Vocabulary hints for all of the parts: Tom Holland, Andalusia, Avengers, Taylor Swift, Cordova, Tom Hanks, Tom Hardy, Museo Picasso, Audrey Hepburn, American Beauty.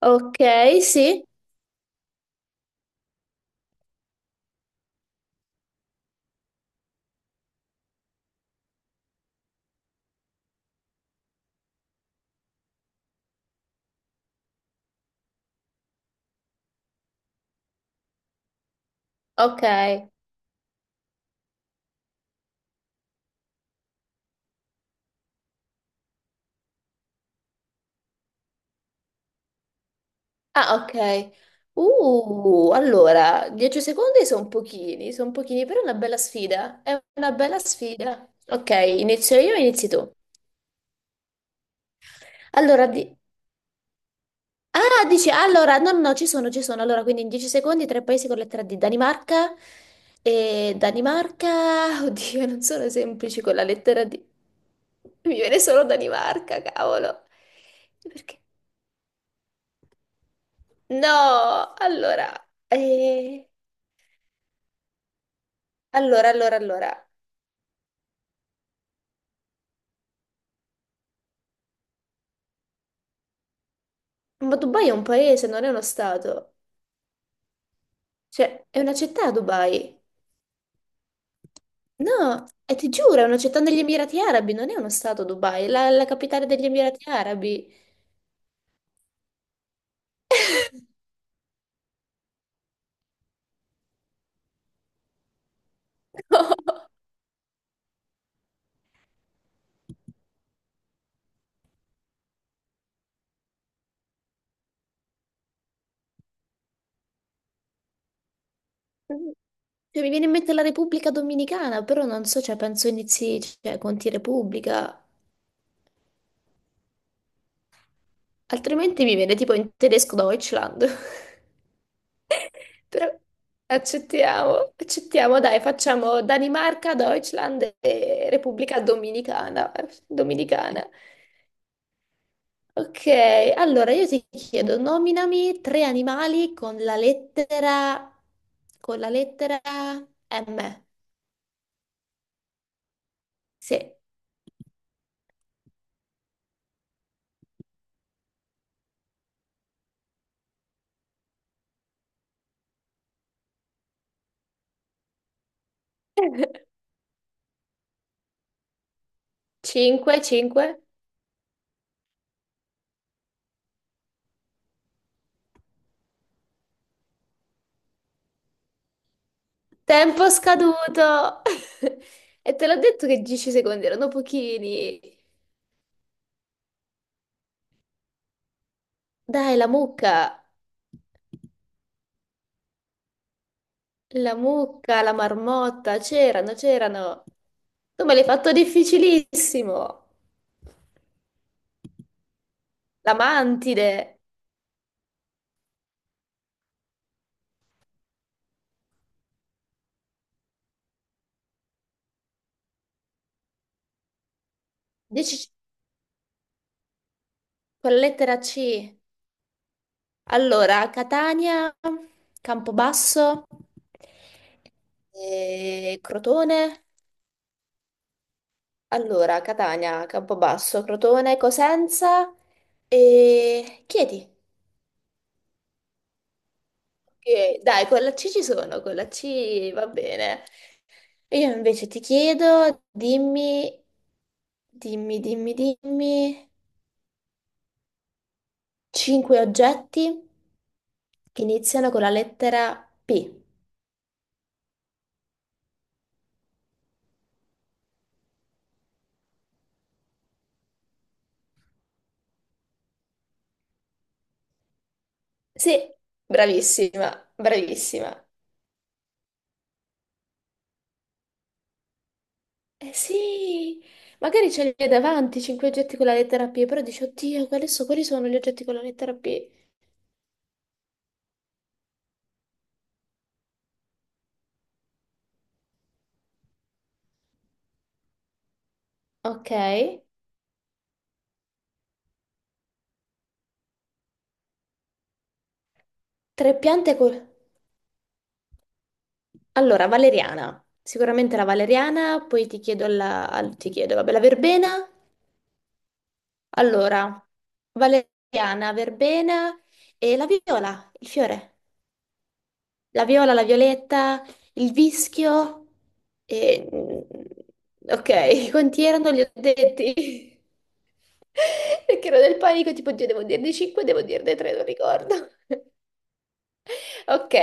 Ok, sì, ok. Ah, ok. Allora, 10 secondi sono pochini, però è una bella sfida. È una bella sfida. Ok, inizio io, inizi tu. Allora, dici, allora, no, no, no, ci sono, ci sono. Allora, quindi in 10 secondi, tre paesi con lettera D. Danimarca e Danimarca, oddio, non sono semplici con la lettera D. Mi viene solo Danimarca, cavolo. Perché? No, allora. eh, Allora, allora, allora. Ma Dubai è un paese, non è uno stato. Cioè, è una città Dubai. No, e ti giuro, è una città negli Emirati Arabi, non è uno stato Dubai, è la, la capitale degli Emirati Arabi. Cioè, mi viene in mente la Repubblica Dominicana, però non so, cioè, penso inizi, cioè, conti Repubblica. Altrimenti mi viene tipo in tedesco Deutschland. Però accettiamo, accettiamo, dai, facciamo Danimarca, Deutschland e Repubblica Dominicana. Dominicana. Ok, allora io ti chiedo, nominami tre animali con la lettera M. Sì, 5, 5. Tempo scaduto! E te l'ho detto che 10 secondi erano pochini. Dai, la mucca, la mucca, la marmotta, c'erano, c'erano. Tu me l'hai fatto difficilissimo. La mantide, 10 con la lettera C. Allora, Catania, Campobasso, Crotone. Allora, Catania, Campobasso, Crotone, Cosenza e Chieti. Ok, dai, con la C ci sono, con la C va bene. Io invece ti chiedo, dimmi, dimmi, dimmi, dimmi, cinque oggetti che iniziano con la lettera P. Sì, bravissima, bravissima. Eh sì, magari ce li hai davanti, 5 oggetti con la lettera P, però dici, oddio, quali sono gli oggetti con la lettera P? Ok, tre piante con. Allora, valeriana, sicuramente la valeriana, poi ti chiedo la, ti chiedo, vabbè, la verbena. Allora, valeriana, verbena e la viola, il fiore. La viola, la violetta, il vischio e. Ok, quanti erano? Li ho detti. Perché ero nel panico, tipo, Dio, devo dirne 5, devo dirne 3, non ricordo. Ok,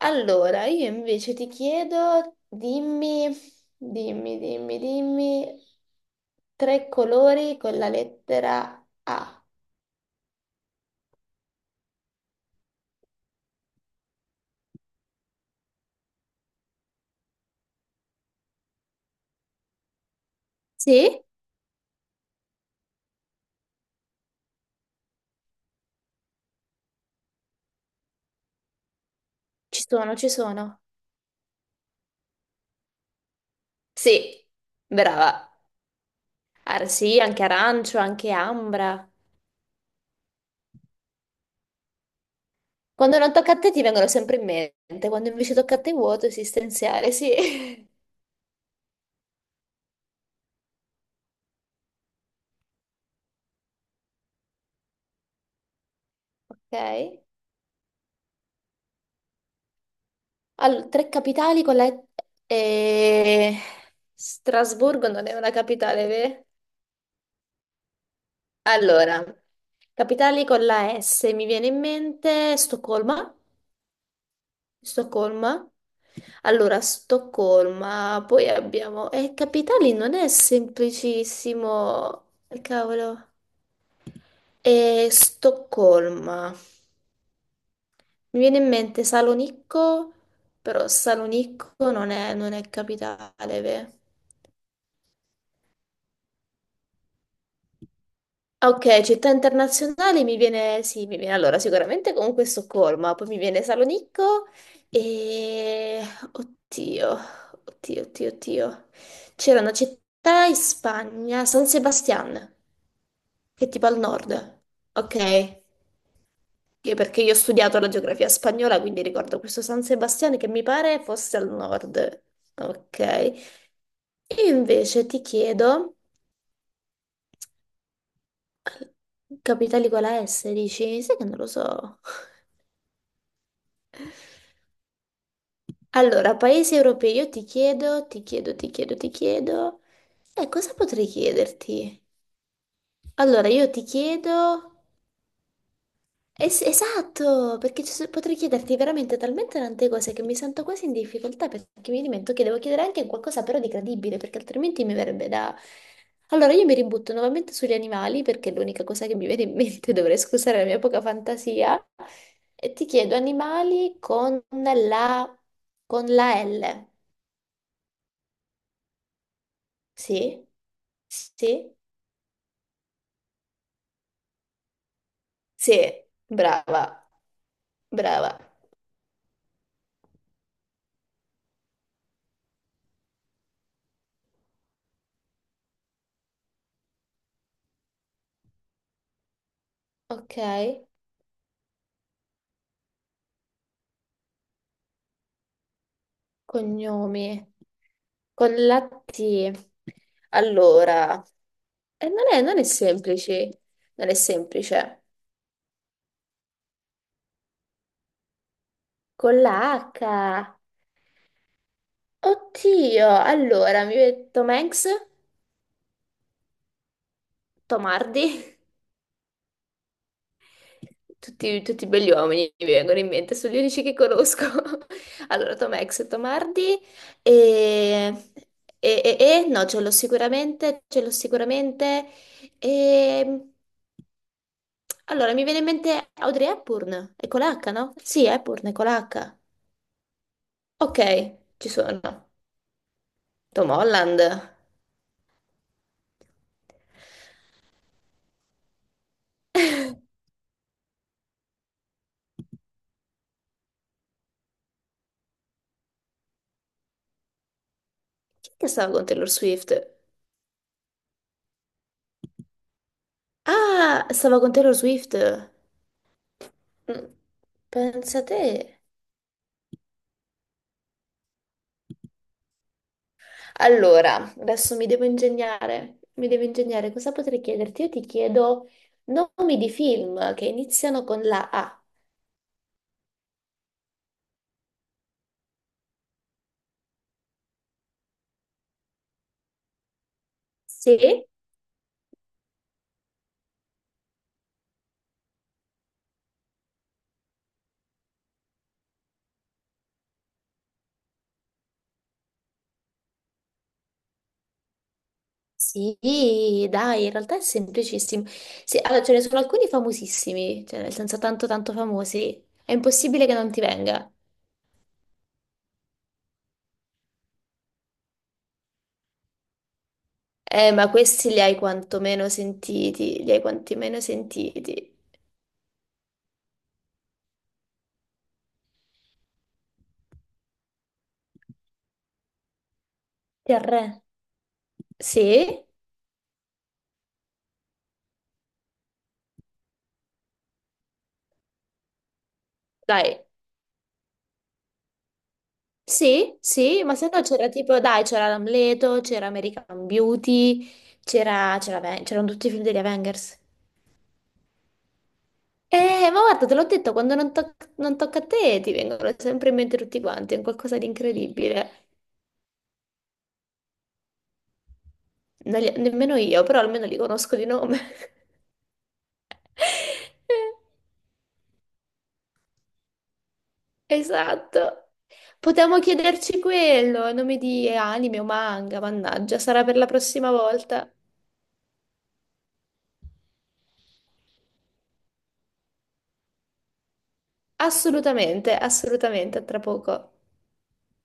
allora io invece ti chiedo, dimmi, dimmi, dimmi, dimmi, tre colori con la lettera A. Sì? Ci sono, ci sono. Sì, brava. Ah, sì, anche arancio, anche ambra. Quando non tocca a te ti vengono sempre in mente, quando invece tocca a te è vuoto esistenziale, sì. Ok. Allora, tre capitali con la. E- Strasburgo non è una capitale, vero? Allora, capitali con la S, mi viene in mente Stoccolma. Stoccolma. Allora, Stoccolma, poi abbiamo. E capitali non è semplicissimo. Cavolo. E Stoccolma. Mi viene in mente Salonicco, però Salonicco non è, capitale, ve? Ah, ok, città internazionali mi viene, sì, mi viene allora sicuramente comunque Stoccolma, poi mi viene Salonicco e. Oddio, oddio, oddio, oddio. C'era una città in Spagna, San Sebastian, che è tipo al nord. Ok. Sì, perché io ho studiato la geografia spagnola, quindi ricordo questo San Sebastiano che mi pare fosse al nord. Ok. E invece ti chiedo, capitali con la S, dici? Sai che non lo so. Allora, paesi europei, io ti chiedo, ti chiedo, ti chiedo, ti chiedo. E cosa potrei chiederti? Allora, io ti chiedo. Esatto, perché potrei chiederti veramente talmente tante cose che mi sento quasi in difficoltà perché mi dimentico che devo chiedere anche qualcosa però di credibile, perché altrimenti mi verrebbe da. Allora io mi ributto nuovamente sugli animali perché è l'unica cosa che mi viene in mente, dovrei scusare la mia poca fantasia, e ti chiedo animali la, con la L. Sì? Sì? Sì, brava, brava. Ok. Cognomi con la T. Allora, non è, non è semplice, non è semplice. Con la H. Oddio, allora mi viene Tom Hanks, Tom Hardy. Tutti, tutti belli uomini mi vengono in mente, sono gli unici che conosco. Allora, Tom Hanks, Tom Hardy e. No, ce l'ho sicuramente, ce l'ho sicuramente. E... Allora, mi viene in mente Audrey Hepburn, è con l'H, no? Sì, Hepburn è con l'H. Ok, ci sono. Tom Holland. Chi è che stava con Taylor Swift? Ah, stava con Taylor Swift. Mm, Pensa te. Allora, adesso mi devo ingegnare. Mi devo ingegnare. Cosa potrei chiederti? Io ti chiedo nomi di film che iniziano con la A. Sì? Sì, dai, in realtà è semplicissimo. Sì, allora, ce ne sono alcuni famosissimi, cioè nel senso tanto tanto famosi. È impossibile che non ti venga. Ma questi li hai quantomeno sentiti, li hai quantomeno sentiti. TR. Sì, dai. Sì, sì, ma se no c'era tipo, dai, c'era l'Amleto, c'era American Beauty, c'erano tutti i film degli Avengers. Ma guarda, te l'ho detto, quando non tocca a te ti vengono sempre in mente tutti quanti, è un qualcosa di incredibile. Non li- nemmeno io, però almeno li conosco di nome. Esatto. Potevamo chiederci quello, nomi di anime o manga, mannaggia, sarà per la prossima volta. Assolutamente, assolutamente, a tra poco.